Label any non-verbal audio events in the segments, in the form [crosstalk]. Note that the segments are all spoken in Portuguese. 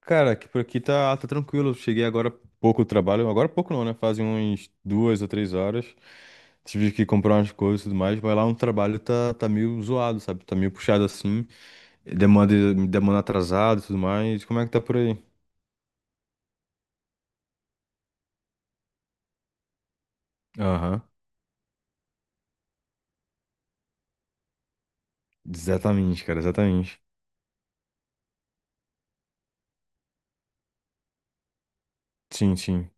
Cara, que por aqui tá tranquilo. Cheguei agora há pouco do trabalho. Agora há pouco não, né? Fazem uns duas ou 3 horas. Tive que comprar umas coisas e tudo mais, mas lá no trabalho tá meio zoado, sabe? Tá meio puxado assim. Demanda atrasada e tudo mais. Como é que tá por aí? Aham. Exatamente, cara, exatamente. Sim, sim.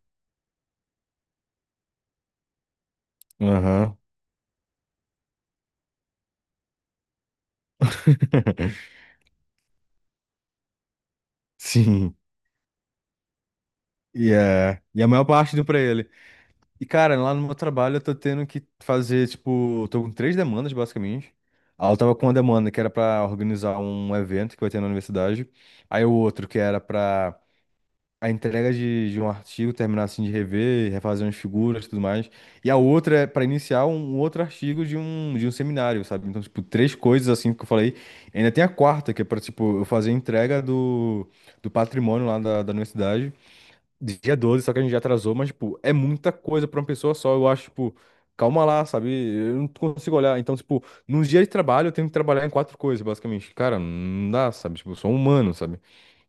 Aham. [laughs] Sim. E é. E a maior parte do pra ele. E, cara, lá no meu trabalho eu tô tendo que fazer, tipo, tô com três demandas, basicamente. Aí eu tava com uma demanda que era pra organizar um evento que vai ter na universidade. Aí o outro que era pra a entrega de um artigo, terminar assim de rever, refazer umas figuras e tudo mais. E a outra é pra iniciar um outro artigo de um seminário, sabe? Então, tipo, três coisas assim que eu falei. Ainda tem a quarta, que é pra, tipo, eu fazer a entrega do patrimônio lá da universidade. Dia 12, só que a gente já atrasou, mas, tipo, é muita coisa pra uma pessoa só. Eu acho, tipo, calma lá, sabe? Eu não consigo olhar. Então, tipo, num dia de trabalho eu tenho que trabalhar em quatro coisas, basicamente. Cara, não dá, sabe? Tipo, eu sou um humano, sabe?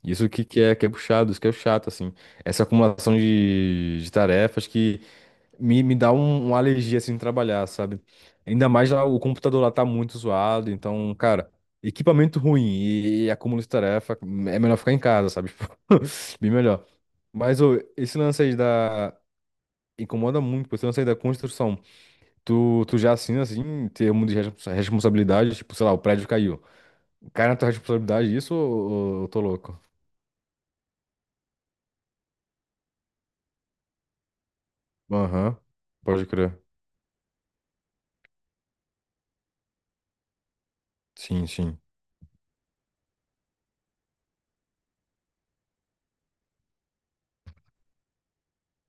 Isso que é puxado, isso que é chato, assim. Essa acumulação de tarefas que me dá uma alergia, assim, de trabalhar, sabe? Ainda mais lá, o computador lá tá muito zoado, então, cara. Equipamento ruim e acúmulo de tarefa, é melhor ficar em casa, sabe? [laughs] Tipo, bem melhor. Mas ô, esse lance aí da. Incomoda muito, pô, esse lance aí da construção. Tu já assina, assim, em termos de responsabilidade, tipo, sei lá, o prédio caiu. Cai na tua responsabilidade isso ou eu tô louco? Aham. Pode crer. Sim, sim.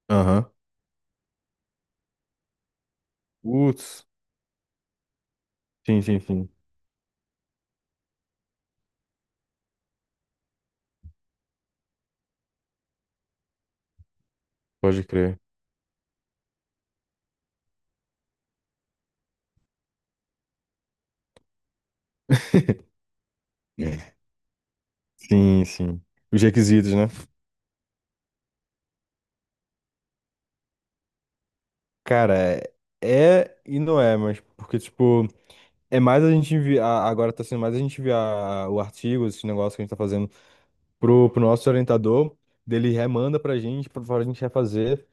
Aham. Putz. Sim, sim, sim. Pode crer. É. Sim, sim. Os requisitos, né? Cara, é e não é, mas porque, tipo, é mais a gente enviar. Agora tá sendo mais a gente enviar o artigo, esse negócio que a gente tá fazendo pro nosso orientador, dele remanda pra gente, pra gente refazer.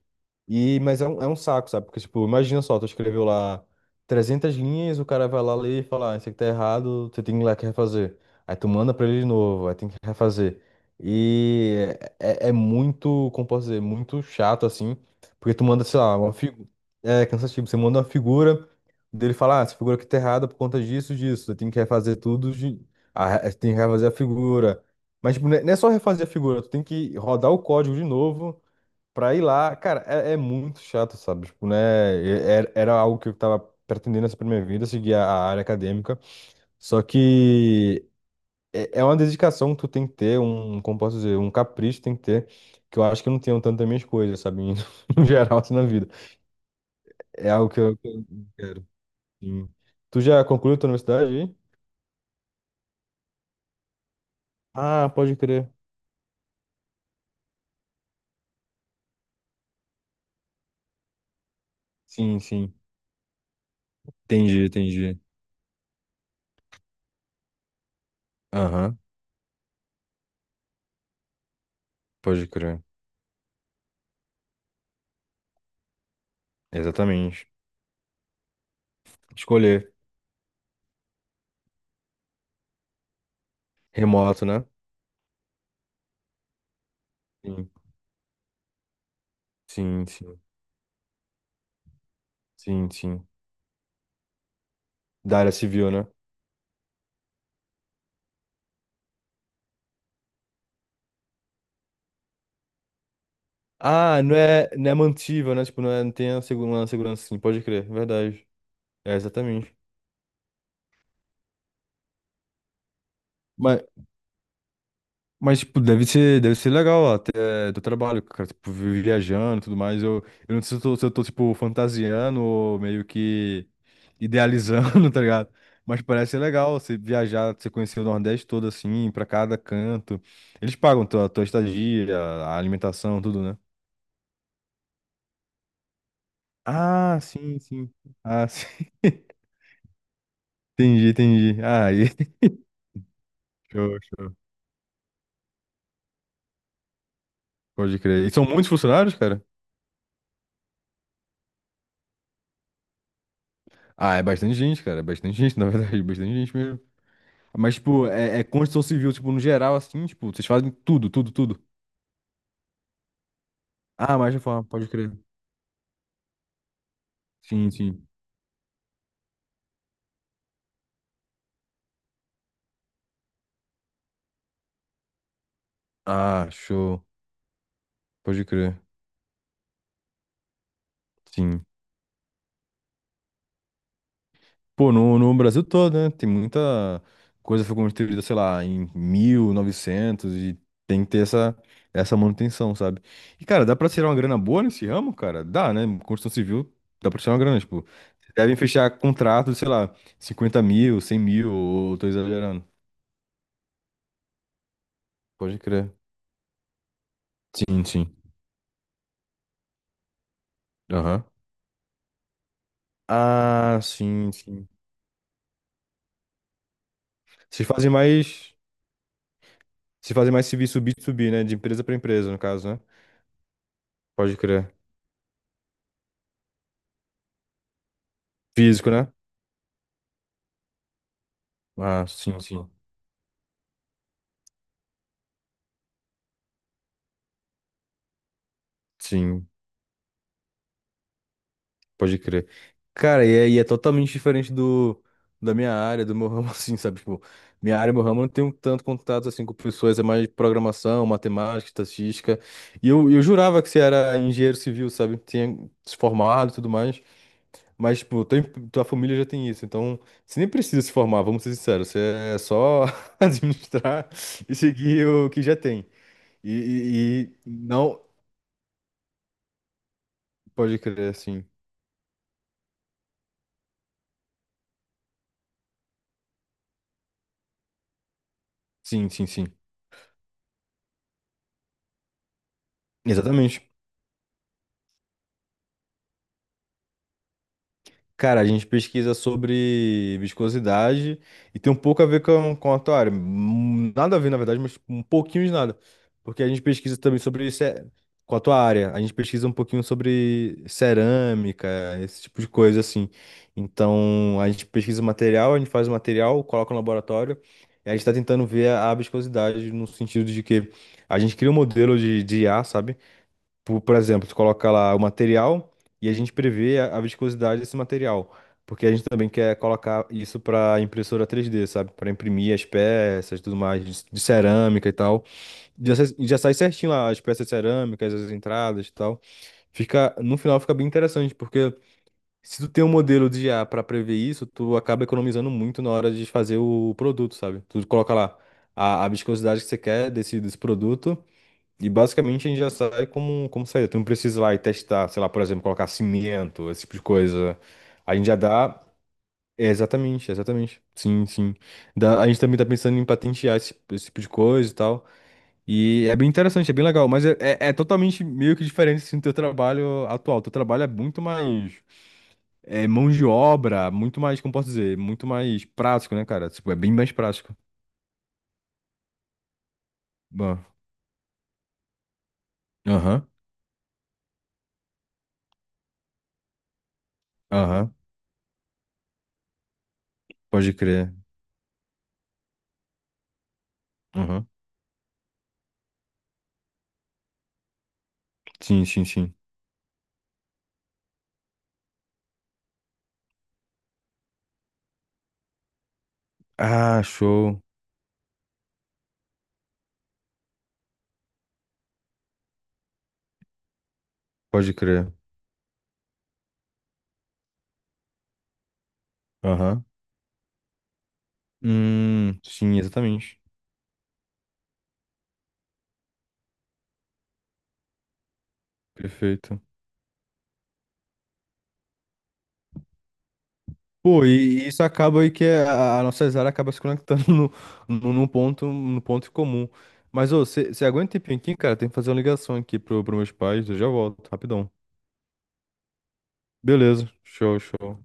E, mas é um saco, sabe? Porque, tipo, imagina só, tu escreveu lá 300 linhas, o cara vai lá ler e fala, ah, isso aqui tá errado, você tem que ir lá que refazer. Aí tu manda pra ele de novo, aí tem que refazer. E é muito, como posso dizer, muito chato, assim, porque tu manda, sei lá, uma figura. É cansativo, você manda uma figura, dele falar ah, essa figura aqui tá errada por conta disso, aí tem que refazer tudo, de. Ah, tem que refazer a figura. Mas, tipo, não é só refazer a figura, tu tem que rodar o código de novo pra ir lá, cara, é muito chato, sabe? Tipo, né? Era algo que eu tava pretendendo essa pra minha vida, seguir a área acadêmica. Só que é uma dedicação que tu tem que ter, um, como posso dizer, um capricho tem que ter, que eu acho que eu não tenho tanto das minhas coisas, sabe? [laughs] No geral, assim, na vida. É algo que eu quero. Sim. Tu já concluiu tua universidade aí? Ah, pode crer. Sim, sim. Entendi, entendi. Aham, pode crer. Exatamente. Escolher. Remoto, né? Sim, sim. Sim. Sim, sim. Da área civil, né? Ah, não é, não é mantível, né? Tipo, não, é, não tem a uma segurança, sim, pode crer, verdade. É, exatamente. Mas, mas tipo, deve ser legal até do trabalho, cara, tipo, viajando e tudo mais. Eu não sei se eu tô, tipo, fantasiando ou meio que idealizando, [laughs] tá ligado? Mas parece ser legal você viajar, você conhecer o Nordeste todo assim, pra cada canto. Eles pagam tua estadia, a alimentação, tudo, né? Ah, sim, sim. Ah, [laughs] sim. Entendi, entendi. Ah, e. [laughs] Show, show. Pode crer. E são muitos funcionários, cara? Ah, é bastante gente, cara. É bastante gente, na verdade. [laughs] Bastante gente mesmo. Mas, tipo, é construção civil, tipo, no geral, assim, tipo, vocês fazem tudo, tudo, tudo. Ah, mais reforma, pode crer. Sim, sim. Ah, show. Pode crer. Sim. Pô, no Brasil todo, né? Tem muita coisa que foi construída, sei lá, em 1900 e novecentos e tem que ter essa manutenção, sabe? E, cara, dá pra tirar uma grana boa nesse ramo, cara? Dá, né? Construção civil dá pra tirar uma grana, tipo, vocês devem fechar contratos, sei lá, 50 mil, 100 mil, ou tô exagerando. Pode crer. Sim, sim. Aham. Ah, sim, sim. Vocês fazem mais, vocês fazem mais serviço B2B, né? De empresa pra empresa, no caso, né? Pode crer. Físico, né? Ah, sim, sim. Sim. Pode crer. Cara, e é totalmente diferente do da minha área, do meu ramo, [laughs] assim, sabe? Tipo, minha área, meu ramo, eu não tenho tanto contato, assim, com pessoas, é mais programação, matemática, estatística. E eu jurava que você era engenheiro civil, sabe? Tinha se formado e tudo mais. Mas, tipo, tua família já tem isso, então você nem precisa se formar, vamos ser sinceros. Você é só [laughs] administrar e seguir o que já tem. E não. Pode crer, sim. Sim, sim, sim. Exatamente. Cara, a gente pesquisa sobre viscosidade e tem um pouco a ver com a tua área. Nada a ver, na verdade, mas um pouquinho de nada. Porque a gente pesquisa também sobre com a tua área. A gente pesquisa um pouquinho sobre cerâmica, esse tipo de coisa assim. Então, a gente pesquisa o material, a gente faz o material, coloca no laboratório e a gente está tentando ver a viscosidade no sentido de que a gente cria um modelo de IA, sabe? Por exemplo, tu coloca lá o material e a gente prevê a viscosidade desse material, porque a gente também quer colocar isso para impressora 3D, sabe? Para imprimir as peças, tudo mais de cerâmica e tal. Já, já sai certinho lá as peças cerâmicas, as entradas e tal. Fica, no final fica bem interessante, porque se tu tem um modelo de IA para prever isso, tu acaba economizando muito na hora de fazer o produto, sabe? Tu coloca lá a viscosidade que você quer desse produto. E basicamente a gente já sai como saída. Tu não precisa ir lá e testar, sei lá, por exemplo, colocar cimento, esse tipo de coisa. A gente já dá. É, exatamente, exatamente. Sim, sim. A gente também tá pensando em patentear esse tipo de coisa e tal. E é bem interessante, é bem legal, mas é totalmente meio que diferente assim, do teu trabalho atual. Teu trabalho é muito mais mão de obra, muito mais, como posso dizer, muito mais prático, né, cara? Tipo, é bem mais prático. Bom, aham, aham, pode crer. Aham, sim, sim, sim. Ah, show. Pode crer. Aham. Sim, exatamente. Perfeito. Pô, e isso acaba aí que é a nossa área acaba se conectando [laughs] no, num ponto, no ponto comum. Mas, ô, você aguenta um tempinho aqui, cara? Tem que fazer uma ligação aqui pro meus pais, eu já volto, rapidão. Beleza, show, show.